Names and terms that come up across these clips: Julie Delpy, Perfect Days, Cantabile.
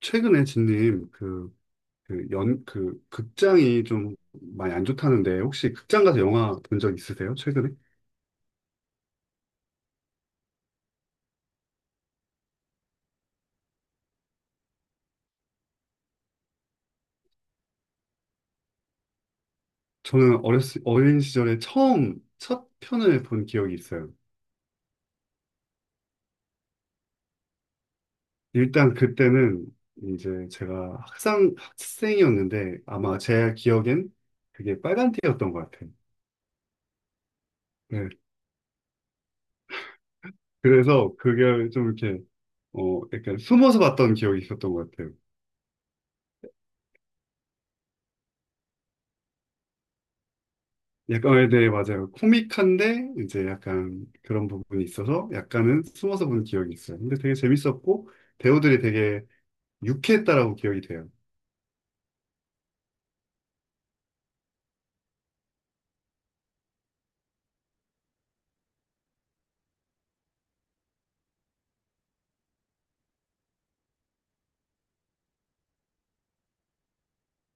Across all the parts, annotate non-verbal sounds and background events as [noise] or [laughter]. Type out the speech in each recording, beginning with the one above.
최근에 진님 그 극장이 좀 많이 안 좋다는데 혹시 극장 가서 영화 본 적 있으세요? 최근에? 저는 어린 시절에 처음 첫 편을 본 기억이 있어요. 일단 그때는 이제 제가 학생, 학생이었는데 아마 제 기억엔 그게 빨간띠였던 것 같아요. 네. 그래서 그게 좀 이렇게, 약간 숨어서 봤던 기억이 있었던 것 같아요. 약간, 네, 맞아요. 코믹한데, 이제 약간 그런 부분이 있어서 약간은 숨어서 본 기억이 있어요. 근데 되게 재밌었고, 배우들이 되게 유쾌했다라고 기억이 돼요.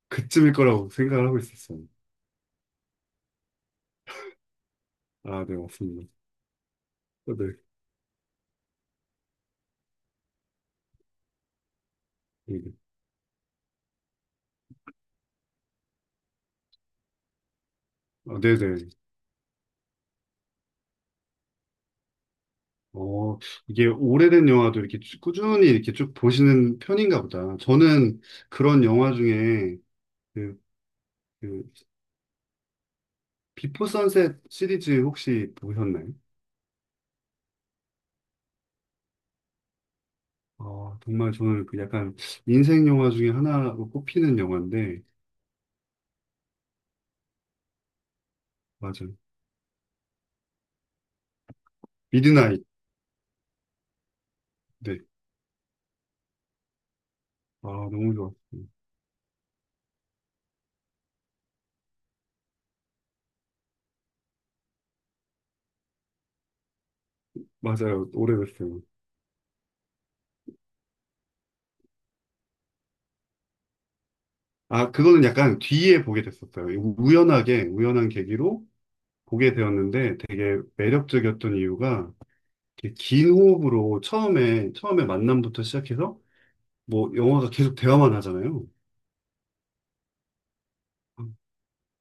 그쯤일 거라고 생각을 하고 있었어요. 아, 네, 맞습니다. 네, 네, 아, 네. 네. 어, 이게 오래된 영화도 꾸준히 이렇게 쭉 보시는 편인가 보다. 저는 그런 영화 중에 그, 그, 비포 선셋 시리즈 혹시 보셨나요? 정말 저는 그 약간 인생 영화 중에 하나로 꼽히는 영화인데, 맞아요. 미드나잇. 네. 아, 너무 좋았어요. 맞아요. 오래됐어요. 아, 그거는 약간 뒤에 보게 됐었어요. 우연하게, 우연한 계기로 보게 되었는데 되게 매력적이었던 이유가 이렇게 긴 호흡으로 처음에 만남부터 시작해서 뭐 영화가 계속 대화만 하잖아요.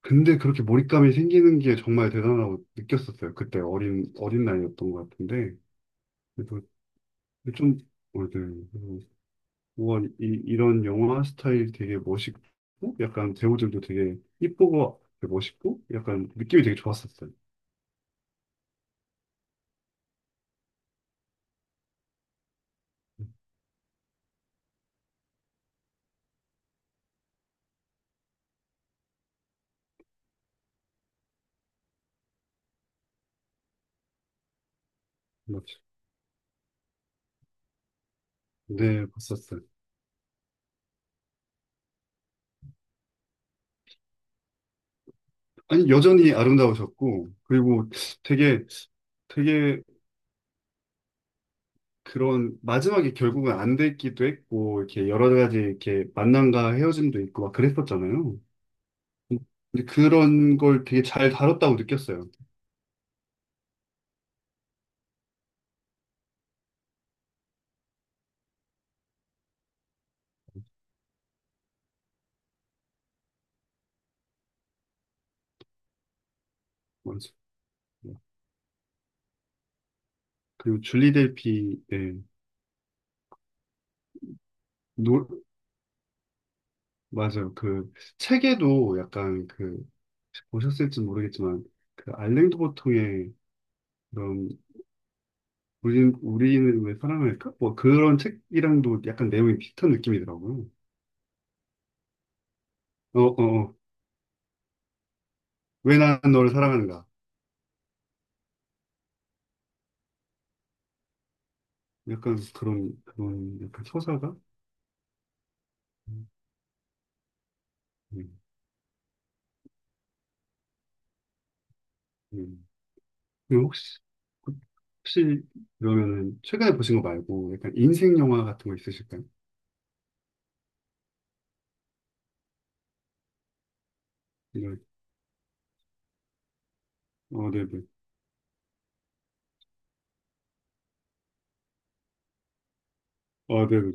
근데 그렇게 몰입감이 생기는 게 정말 대단하다고 느꼈었어요. 그때 어린 나이였던 것 같은데. 좀, 어든 우와, 이런 영화 스타일 되게 멋있고, 약간 배우들도 되게 이쁘고, 되게 멋있고, 약간 느낌이 되게 좋았었어요. 음, 맞죠. 네, 봤었어요. 아니, 여전히 아름다우셨고, 그리고 되게, 되게 그런, 마지막에 결국은 안 됐기도 했고, 이렇게 여러 가지 이렇게 만남과 헤어짐도 있고, 막 그랬었잖아요. 근데 그런 걸 되게 잘 다뤘다고 느꼈어요. 맞아요. 그리고 줄리 델피, 예. 맞아요. 그 책에도 약간 그 보셨을지 모르겠지만 그 알랭 도보통의 그런 우리는 왜 사랑할까? 뭐 그런 책이랑도 약간 내용이 비슷한 느낌이더라고요. 어, 어, 어. 왜 난 너를 사랑하는가? 약간 그런 약간 서사가. 음, 음. 음. 그럼 혹시 그러면은 최근에 보신 거 말고 약간 인생 영화 같은 거 있으실까요? 이런 네네. 네네.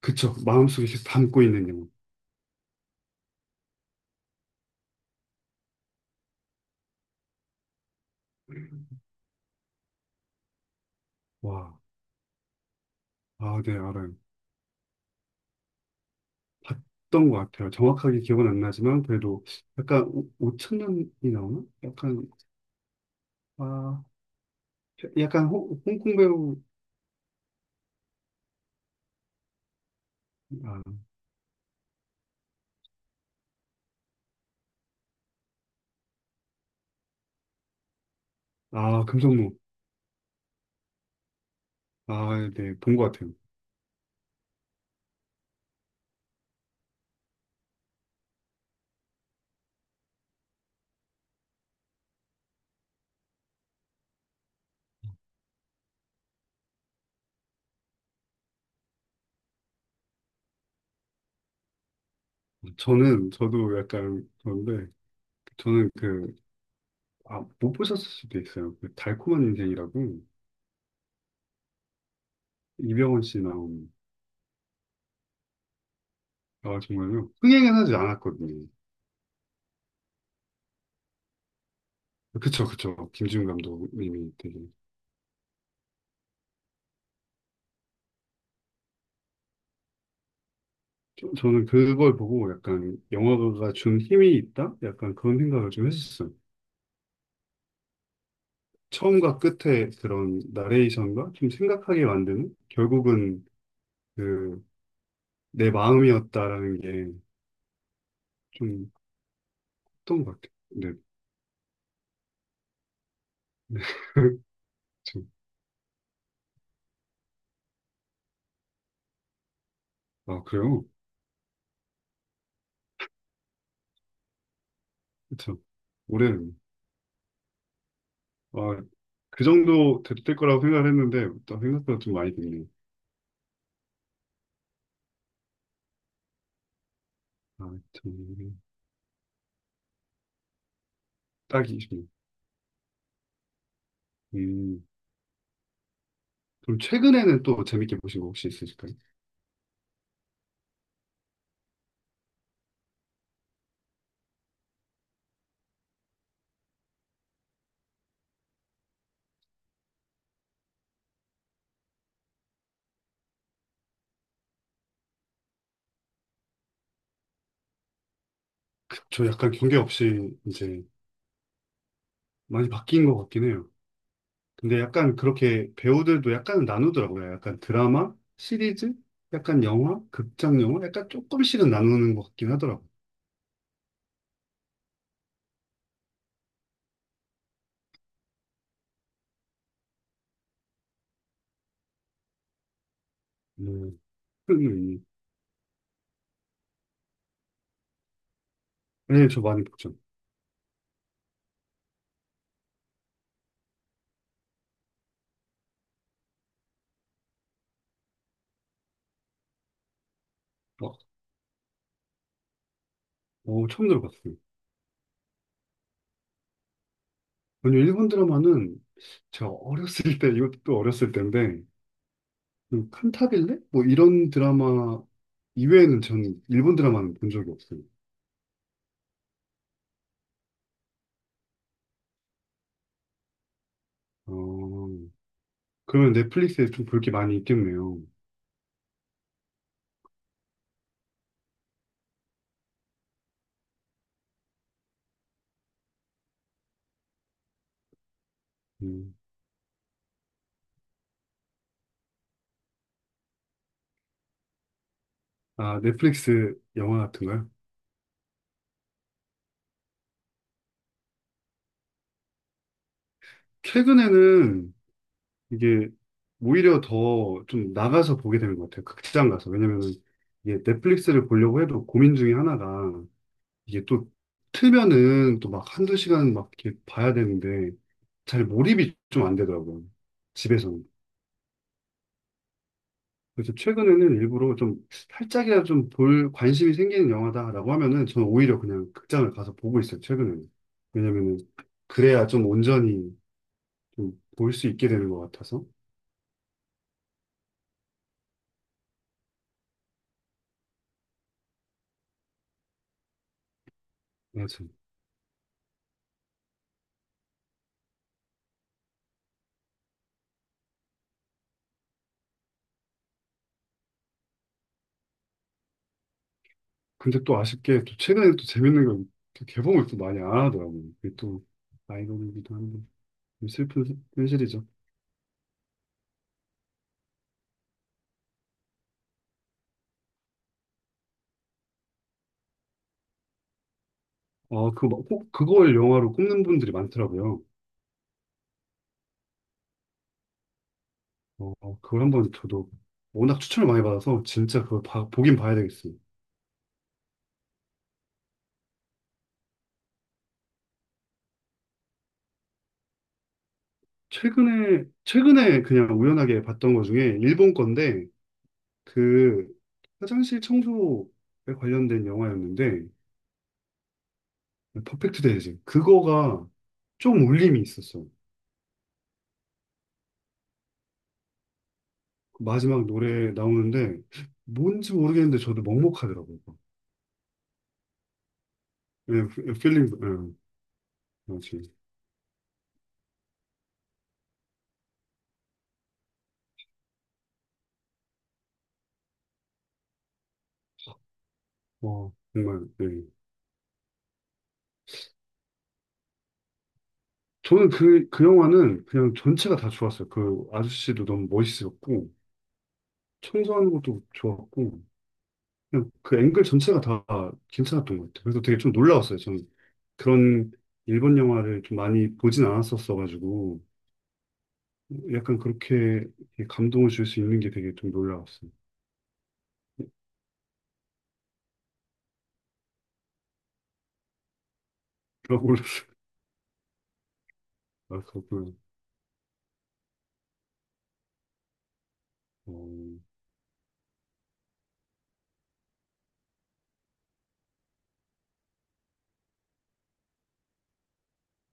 그쵸. 마음속에 계속 담고 있는 영화. 와, 아, 네, 알아요. 봤던 것 같아요. 정확하게 기억은 안 나지만 그래도 약간 5천 년이 나오나? 약간 아 약간 홍콩 배우 아, 아 금성무 아네본 것 같아요. 저는 저도 약간 그런데 저는 그 아, 못 보셨을 수도 있어요. 그 달콤한 인생이라고 이병헌 씨 나온. 아, 정말요? 흥행은 하지 않았거든요. 그쵸, 그쵸, 김지훈 감독님이 되게 저는 그걸 보고 약간 영화가 준 힘이 있다? 약간 그런 생각을 좀 했었어요. 처음과 끝에 그런 나레이션과 좀 생각하게 만드는 결국은 그 내 마음이었다라는 게 좀 컸던 것 같아요. 네. 네. [laughs] 좀. 아, 그래요? 그쵸. 올해, 아, 그 정도 됐을 거라고 생각을 했는데, 또 생각보다 좀 많이 됐네요. 아, 참. 딱이, 음. 그럼 최근에는 또 재밌게 보신 거 혹시 있으실까요? 저 약간 경계 없이 이제 많이 바뀐 것 같긴 해요. 근데 약간 그렇게 배우들도 약간 나누더라고요. 약간 드라마, 시리즈, 약간 영화, 극장 영화, 약간 조금씩은 나누는 것 같긴 하더라고요. 음, 음, 음. 네, 저 많이 봤죠. 어, 어, 처음 들어봤어요. 먼저 일본 드라마는 제가 어렸을 때, 이것도 어렸을 때인데, 그 칸타빌레? 뭐 이런 드라마 이외에는 저는 일본 드라마는 본 적이 없어요. 어, 그러면 넷플릭스에 좀 볼 게 많이 있겠네요. 음, 아, 넷플릭스 영화 같은 거요? 최근에는 이게 오히려 더 좀 나가서 보게 되는 것 같아요. 극장 가서. 왜냐면은 이게 넷플릭스를 보려고 해도 고민 중에 하나가 이게 또 틀면은 또 막 한두 시간 막 이렇게 봐야 되는데 잘 몰입이 좀 안 되더라고요. 집에서는. 그래서 최근에는 일부러 좀 살짝이라도 좀 볼 관심이 생기는 영화다라고 하면은 저는 오히려 그냥 극장을 가서 보고 있어요. 최근에는. 왜냐면은 그래야 좀 온전히 좀 볼 수 있게 되는 것 같아서. 근데 또 아쉽게 또 최근에 또 재밌는 걸또 개봉을 또 많이 안 하더라고요. 그게 또 아이러니이기도 한데 좀 슬픈 현실이죠. 그거 꼭 그걸 영화로 꼽는 분들이 많더라고요. 어, 어, 그걸 한번 저도 워낙 추천을 많이 받아서 진짜 그걸 보긴 봐야 되겠어요. 최근에 그냥 우연하게 봤던 것 중에 일본 건데 그 화장실 청소에 관련된 영화였는데 퍼펙트 데이즈, 그거가 좀 울림이 있었어. 그 마지막 노래 나오는데 뭔지 모르겠는데 저도 먹먹하더라고요. 예, 필링, 예, 맞지. 와, 정말. 예. 저는 그 영화는 그냥 전체가 다 좋았어요. 그 아저씨도 너무 멋있었고, 청소하는 것도 좋았고, 그냥 그 앵글 전체가 다 괜찮았던 것 같아요. 그래서 되게 좀 놀라웠어요. 저는 그런 일본 영화를 좀 많이 보진 않았었어가지고, 약간 그렇게 감동을 줄 수 있는 게 되게 좀 놀라웠어요. 그러고, 아, [laughs] 그렇구나. 어,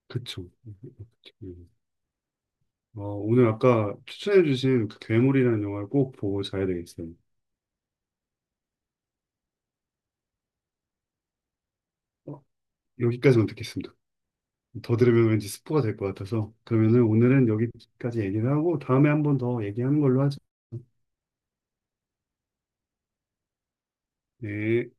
그쵸. 음. 오늘 아까 추천해주신 그 괴물이라는 영화를 꼭 보고 자야 되겠어요. 어, 여기까지만 듣겠습니다. 더 들으면 왠지 스포가 될 것 같아서. 그러면은 오늘은 여기까지 얘기를 하고 다음에 한번 더 얘기하는 걸로 하죠. 네.